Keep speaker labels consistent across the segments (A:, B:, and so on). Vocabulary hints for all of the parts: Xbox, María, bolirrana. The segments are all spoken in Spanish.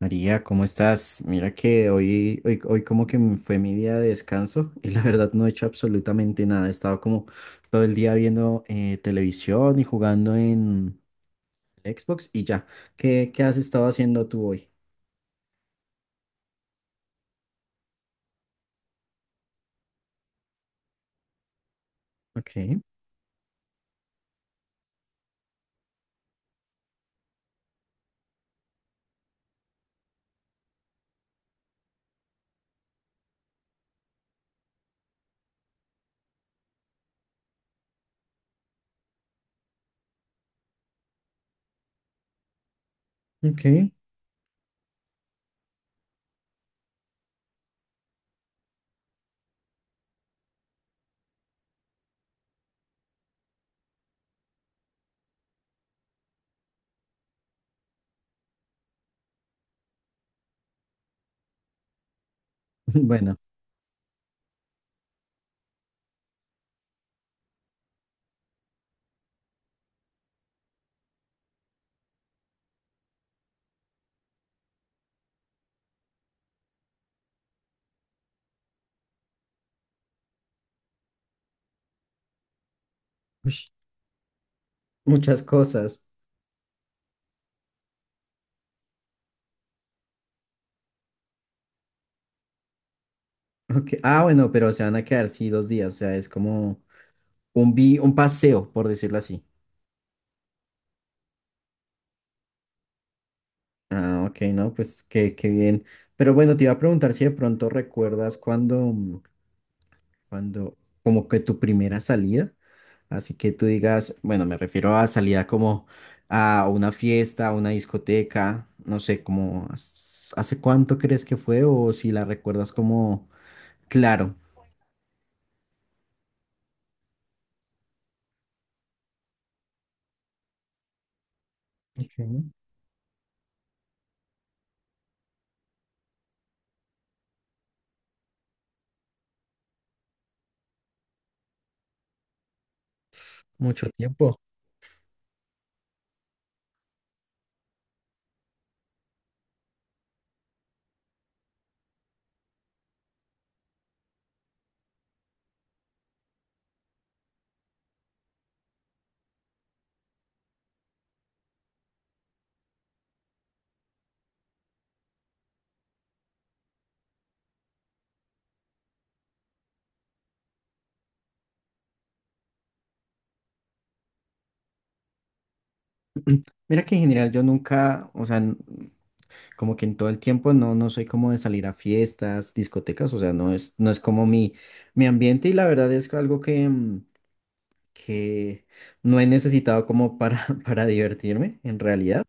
A: María, ¿cómo estás? Mira que hoy como que fue mi día de descanso y la verdad no he hecho absolutamente nada. He estado como todo el día viendo televisión y jugando en Xbox y ya. ¿Qué has estado haciendo tú hoy? Ok, ok. Bueno, ush, muchas cosas. Okay. Ah, bueno, pero se van a quedar, sí, 2 días. O sea, es como un paseo, por decirlo así. Ah, ok, no, pues qué bien. Pero bueno, te iba a preguntar si de pronto recuerdas cuando... Cuando, como que tu primera salida, así que tú digas, bueno, me refiero a salida como a una fiesta, a una discoteca, no sé, como hace cuánto crees que fue o si la recuerdas como, claro. Ok, mucho tiempo. Mira que en general yo nunca, o sea, como que en todo el tiempo no soy como de salir a fiestas, discotecas, o sea, no es como mi ambiente y la verdad es algo que... que no he necesitado como para, para divertirme, en realidad.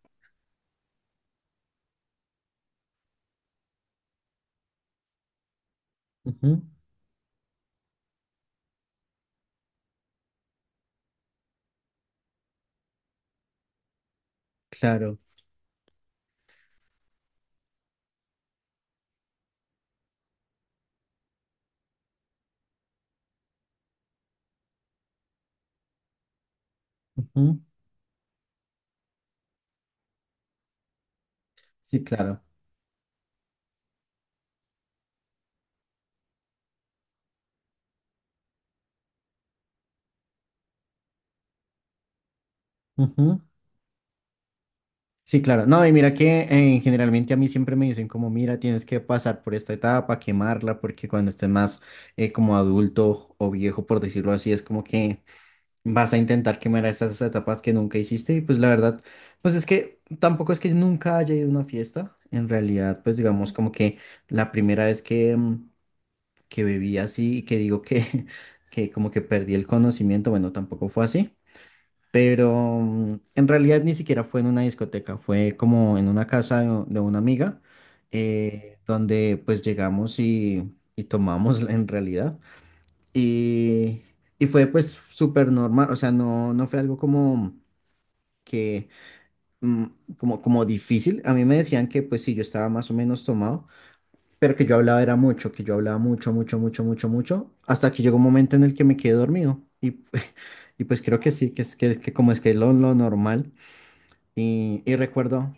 A: Ujú. Claro. Ujú. Sí, claro. Ujú. Sí, claro. No, y mira que generalmente a mí siempre me dicen como, mira, tienes que pasar por esta etapa, quemarla, porque cuando estés más como adulto o viejo, por decirlo así, es como que vas a intentar quemar esas etapas que nunca hiciste. Y pues la verdad, pues es que tampoco es que nunca haya ido a una fiesta. En realidad, pues digamos como que la primera vez que... que bebí así y que digo que, que como que perdí el conocimiento, bueno, tampoco fue así, pero en realidad ni siquiera fue en una discoteca, fue como en una casa de una amiga, donde pues llegamos y tomamos en realidad, y, y fue pues súper normal, o sea, no, no fue algo como que... mm. Como, como difícil. A mí me decían que pues si yo estaba más o menos tomado, pero que yo hablaba era mucho, que yo hablaba mucho, mucho, mucho, mucho, mucho, hasta que llegó un momento en el que me quedé dormido. Y, y pues creo que sí, que es que como es que es lo normal. Y recuerdo,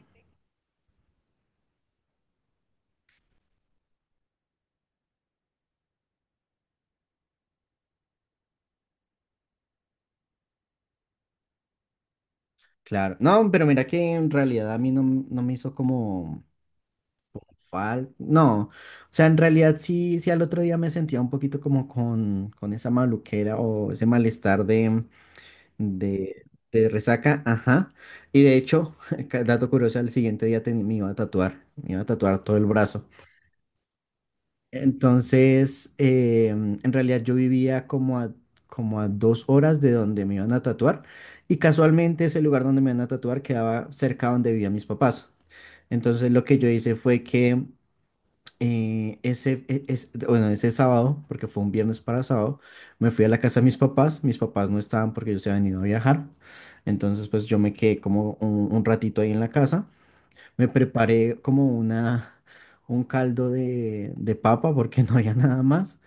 A: claro, no, pero mira que en realidad a mí no, no me hizo como falta, no, o sea, en realidad sí, sí al otro día me sentía un poquito como con esa maluquera o ese malestar de, de resaca, ajá. Y de hecho, dato curioso, al siguiente día me iba a tatuar, me iba a tatuar todo el brazo. Entonces, en realidad yo vivía como a 2 horas de donde me iban a tatuar y casualmente ese lugar donde me iban a tatuar quedaba cerca donde vivían mis papás. Entonces lo que yo hice fue que bueno, ese sábado, porque fue un viernes para sábado, me fui a la casa de mis papás. Mis papás no estaban porque ellos se habían ido a viajar. Entonces pues yo me quedé como un ratito ahí en la casa. Me preparé como una, un caldo de papa porque no había nada más.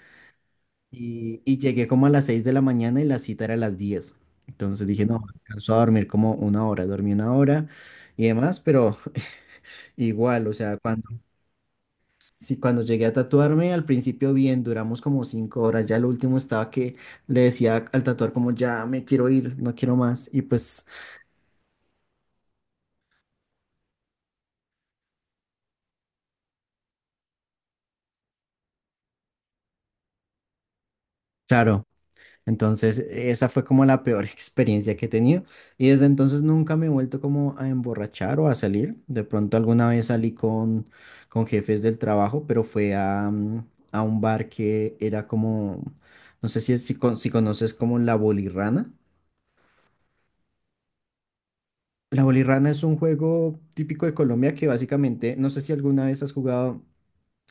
A: Y llegué como a las 6 de la mañana y la cita era a las 10. Entonces dije, no, alcanzó a dormir como 1 hora. Dormí 1 hora y demás, pero igual, o sea, cuando, sí, cuando llegué a tatuarme, al principio bien, duramos como 5 horas. Ya lo último estaba que le decía al tatuador como, ya me quiero ir, no quiero más. Y pues, claro. Entonces, esa fue como la peor experiencia que he tenido. Y desde entonces nunca me he vuelto como a emborrachar o a salir. De pronto alguna vez salí con jefes del trabajo, pero fue a, a un bar que era como, no sé si conoces como la bolirrana. La bolirrana es un juego típico de Colombia que básicamente, no sé si alguna vez has jugado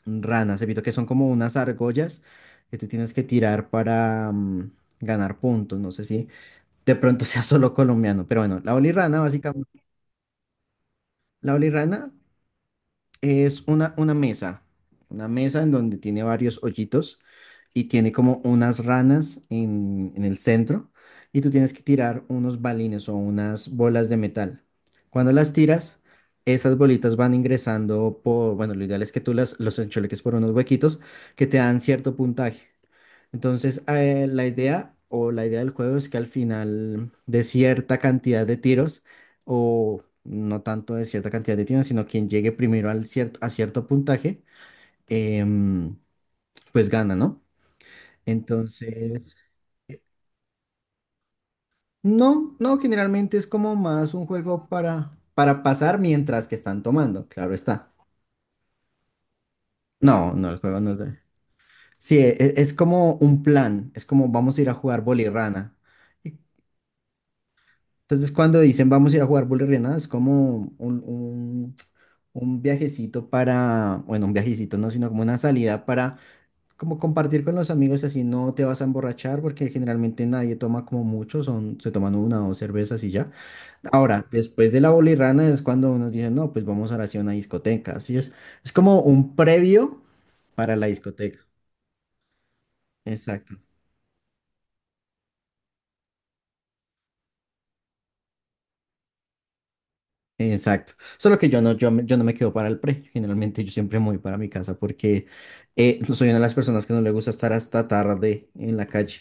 A: ranas, evito que son como unas argollas que tú tienes que tirar para ganar puntos. No sé si... de pronto sea solo colombiano, pero bueno, la bolirrana básicamente, la bolirrana es una mesa en donde tiene varios hoyitos y tiene como unas ranas en el centro y tú tienes que tirar unos balines o unas bolas de metal. Cuando las tiras, esas bolitas van ingresando por, bueno, lo ideal es que tú las, los enchuleques por unos huequitos que te dan cierto puntaje. Entonces, la idea o la idea del juego es que al final de cierta cantidad de tiros, o no tanto de cierta cantidad de tiros, sino quien llegue primero al cierto, a cierto puntaje, em, pues gana, ¿no? Entonces, eh, no, no, generalmente es como más un juego para pasar mientras que están tomando, claro está. No, no, el juego no es de... Sí, es, como un plan, es como vamos a ir a jugar bolirrana. Entonces, cuando dicen vamos a ir a jugar Bully es como un viajecito para, bueno, un viajecito no, sino como una salida para como compartir con los amigos, así no te vas a emborrachar, porque generalmente nadie toma como mucho, son, se toman una o dos cervezas y ya. Ahora, después de la bolirrana es cuando nos dicen, no, pues vamos ahora sí a una discoteca. Así es como un previo para la discoteca. Exacto. Exacto. Solo que yo no, yo no me quedo para el pre. Generalmente yo siempre me voy para mi casa porque no soy una de las personas que no le gusta estar hasta tarde en la calle.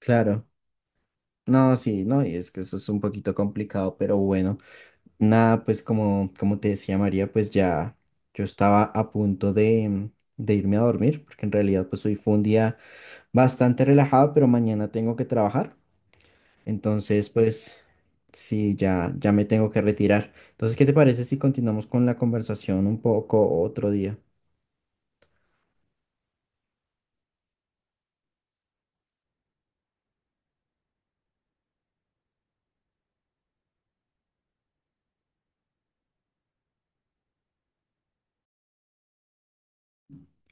A: Claro. No, sí, no, y es que eso es un poquito complicado, pero bueno. Nada, pues como, como te decía María, pues ya yo estaba a punto de irme a dormir, porque en realidad pues hoy fue un día bastante relajado, pero mañana tengo que trabajar. Entonces, pues sí, ya, ya me tengo que retirar. Entonces, ¿qué te parece si continuamos con la conversación un poco otro día?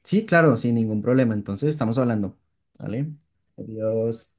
A: Sí, claro, sin ningún problema. Entonces, estamos hablando. ¿Vale? Adiós.